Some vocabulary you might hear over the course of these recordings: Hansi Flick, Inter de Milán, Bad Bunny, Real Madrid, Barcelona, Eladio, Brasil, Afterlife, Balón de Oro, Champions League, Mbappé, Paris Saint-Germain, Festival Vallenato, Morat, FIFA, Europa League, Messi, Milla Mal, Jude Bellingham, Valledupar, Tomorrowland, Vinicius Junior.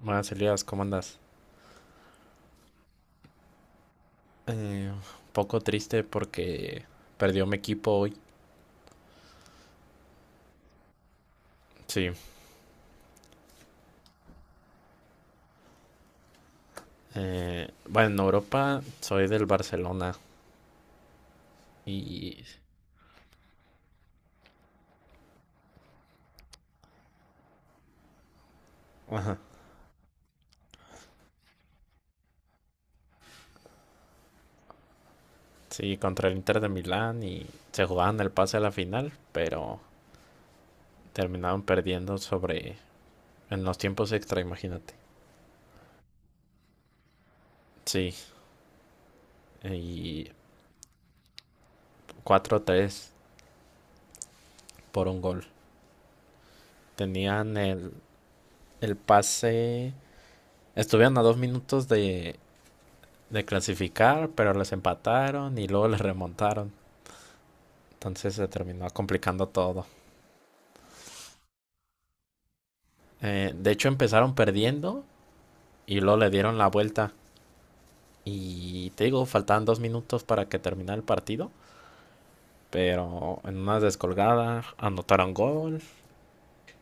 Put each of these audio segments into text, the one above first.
Buenas, Elías, ¿cómo andas? Un poco triste porque perdió mi equipo hoy. Sí. Bueno, en Europa soy del Barcelona y... Ajá. Sí, contra el Inter de Milán y se jugaban el pase a la final, pero terminaron perdiendo sobre... en los tiempos extra, imagínate. Sí, y 4-3 por un gol. Tenían el pase... Estuvieron a 2 minutos de clasificar, pero les empataron y luego les remontaron. Entonces se terminó complicando todo. De hecho empezaron perdiendo y luego le dieron la vuelta. Y te digo, faltaban 2 minutos para que terminara el partido. Pero en una descolgada anotaron gol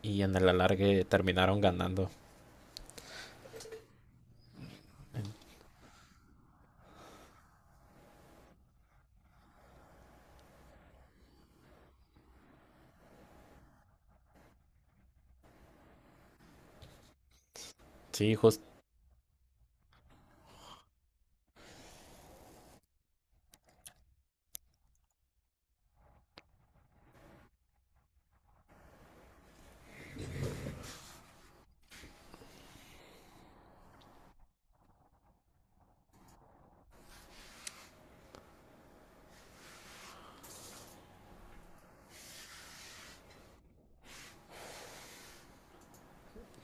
y en el alargue terminaron ganando. Sí, justo.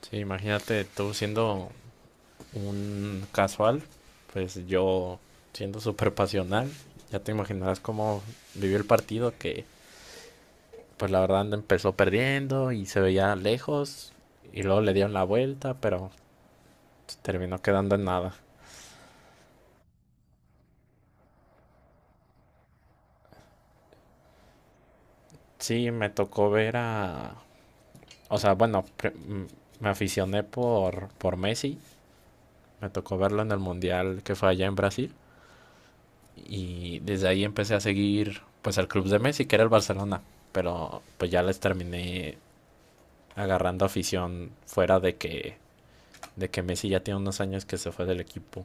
Sí, imagínate tú siendo un casual, pues yo siendo súper pasional, ya te imaginarás cómo vivió el partido que pues la verdad empezó perdiendo y se veía lejos y luego le dieron la vuelta, pero terminó quedando en nada. Sí, me tocó ver a... O sea, bueno, me aficioné por Messi, me tocó verlo en el Mundial que fue allá en Brasil y desde ahí empecé a seguir pues al club de Messi, que era el Barcelona, pero pues ya les terminé agarrando afición fuera de que Messi ya tiene unos años que se fue del equipo.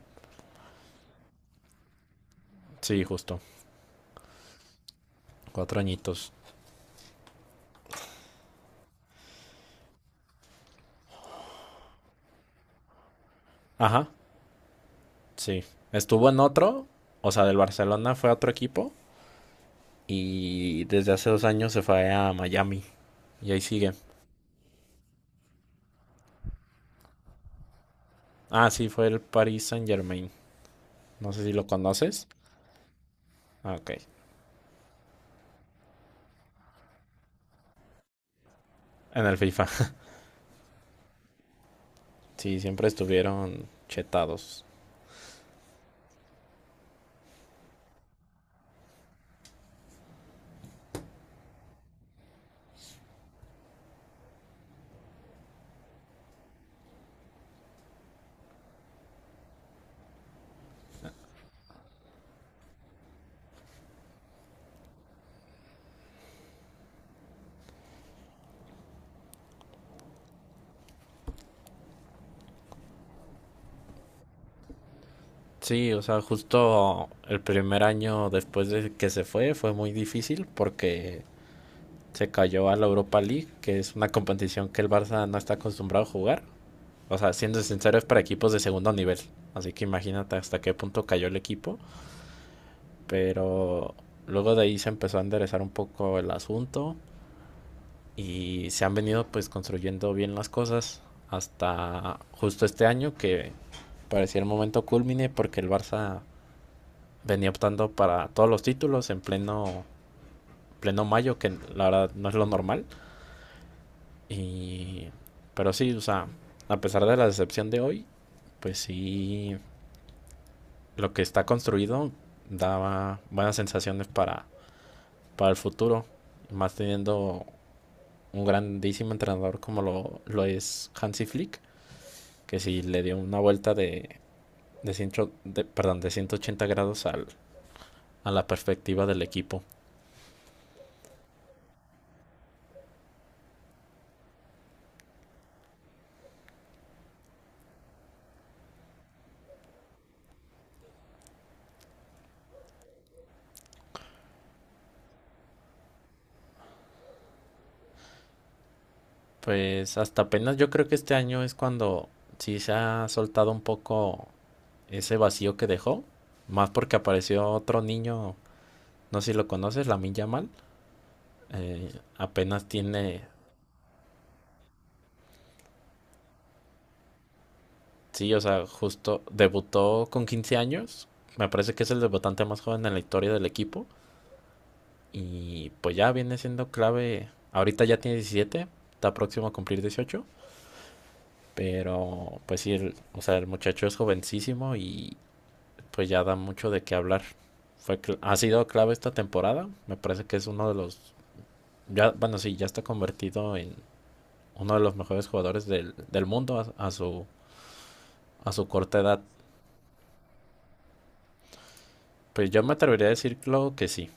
Sí, justo, 4 añitos. Ajá. Sí. Estuvo en otro, o sea, del Barcelona fue a otro equipo y desde hace 2 años se fue a Miami y ahí sigue. Ah, sí, fue el Paris Saint-Germain. No sé si lo conoces. Ah, ok. En el FIFA. Sí, siempre estuvieron chetados. Sí, o sea, justo el primer año después de que se fue fue muy difícil porque se cayó a la Europa League, que es una competición que el Barça no está acostumbrado a jugar. O sea, siendo sincero, es para equipos de segundo nivel. Así que imagínate hasta qué punto cayó el equipo. Pero luego de ahí se empezó a enderezar un poco el asunto. Y se han venido pues construyendo bien las cosas. Hasta justo este año que parecía el momento culmine porque el Barça venía optando para todos los títulos en pleno, pleno mayo, que la verdad no es lo normal. Y, pero sí, o sea, a pesar de la decepción de hoy, pues sí lo que está construido daba buenas sensaciones para el futuro. Más teniendo un grandísimo entrenador como lo es Hansi Flick, que sí le dio una vuelta de 180 grados a la perspectiva del equipo. Pues hasta apenas yo creo que este año es cuando sí se ha soltado un poco ese vacío que dejó. Más porque apareció otro niño, no sé si lo conoces, la Milla Mal. Eh, Apenas tiene... Sí, o sea, justo debutó con 15 años. Me parece que es el debutante más joven en la historia del equipo. Y pues ya viene siendo clave. Ahorita ya tiene 17, está próximo a cumplir 18. Pero pues sí, el, o sea, el muchacho es jovencísimo y pues ya da mucho de qué hablar. Fue, ha sido clave esta temporada. Me parece que es uno de los. Ya, bueno, sí, ya está convertido en uno de los mejores jugadores del mundo a su corta edad. Pues yo me atrevería a decirlo que sí.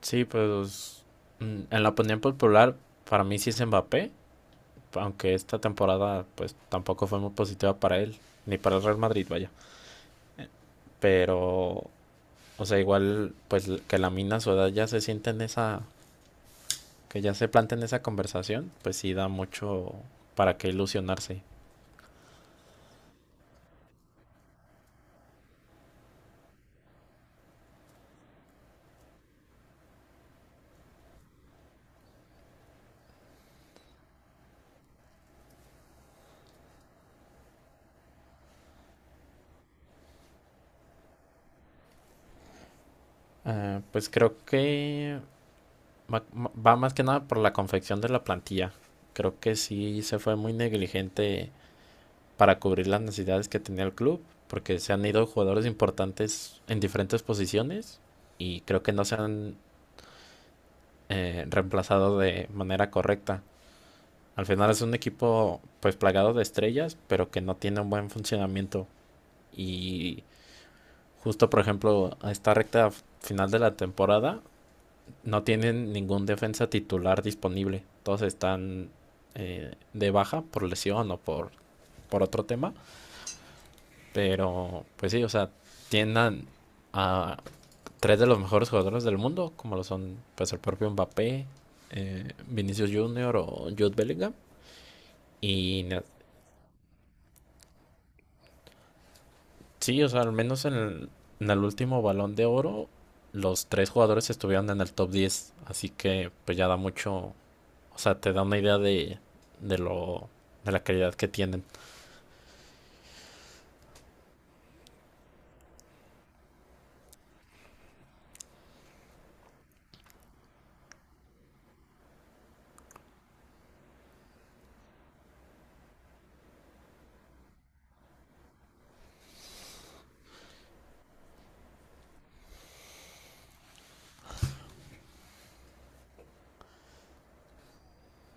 Sí, pues en la opinión popular, para mí sí es Mbappé, aunque esta temporada pues tampoco fue muy positiva para él, ni para el Real Madrid, vaya. Pero, o sea, igual pues que la mina a su edad ya se siente en esa, que ya se plantea en esa conversación, pues sí da mucho para qué ilusionarse. Pues creo que ma- va más que nada por la confección de la plantilla. Creo que sí se fue muy negligente para cubrir las necesidades que tenía el club, porque se han ido jugadores importantes en diferentes posiciones y creo que no se han reemplazado de manera correcta. Al final es un equipo pues plagado de estrellas, pero que no tiene un buen funcionamiento y justo por ejemplo a esta recta final de la temporada no tienen ningún defensa titular disponible. Todos están de baja por lesión o por otro tema. Pero, pues sí, o sea, tiendan a tres de los mejores jugadores del mundo, como lo son pues el propio Mbappé, Vinicius Junior o Jude Bellingham. Y sí, o sea, al menos en el último Balón de Oro, los tres jugadores estuvieron en el top 10. Así que pues ya da mucho, o sea, te da una idea de, de lo, de la calidad que tienen,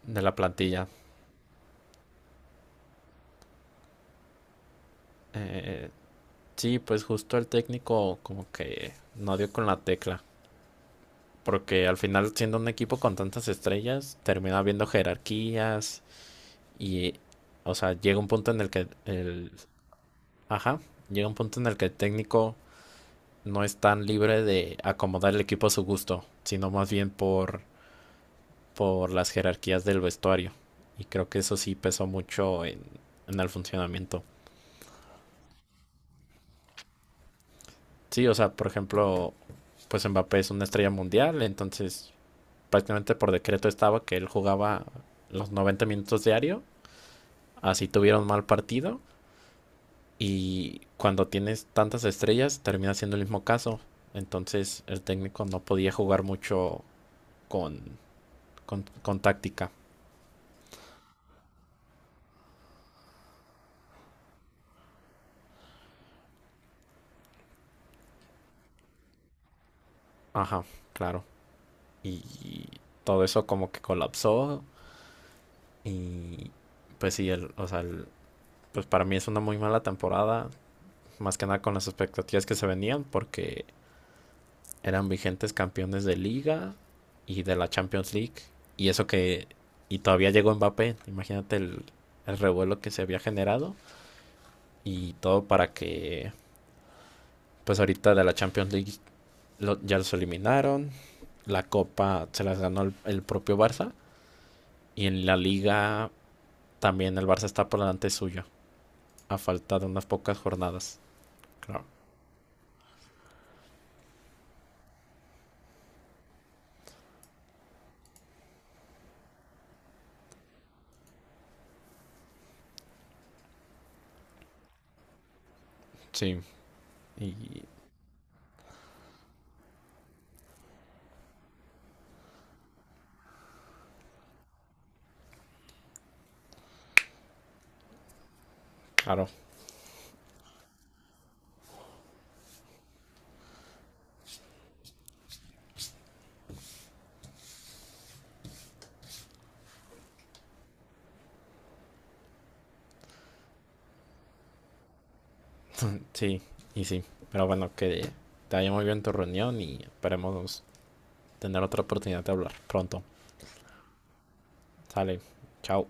de la plantilla. Eh, sí, pues justo el técnico como que no dio con la tecla. Porque al final, siendo un equipo con tantas estrellas, termina habiendo jerarquías y, o sea, llega un punto en el que el, ajá, llega un punto en el que el técnico no es tan libre de acomodar el equipo a su gusto, sino más bien por las jerarquías del vestuario. Y creo que eso sí pesó mucho en el funcionamiento. Sí, o sea, por ejemplo, pues Mbappé es una estrella mundial, entonces prácticamente por decreto estaba que él jugaba los 90 minutos diario así tuvieron mal partido y cuando tienes tantas estrellas termina siendo el mismo caso. Entonces el técnico no podía jugar mucho con, con táctica. Ajá, claro. Y todo eso como que colapsó y pues sí, el, o sea, el- pues para mí es una muy mala temporada, más que nada con las expectativas que se venían porque eran vigentes campeones de liga y de la Champions League. Y eso que... Y todavía llegó Mbappé. Imagínate el revuelo que se había generado. Y todo para que... Pues ahorita de la Champions League ya los eliminaron. La copa se las ganó el propio Barça. Y en la liga también el Barça está por delante suyo. A falta de unas pocas jornadas. Claro. Sí. Y claro. Sí, y sí. Pero bueno, que te vaya muy bien tu reunión y esperemos tener otra oportunidad de hablar pronto. Sale, chao.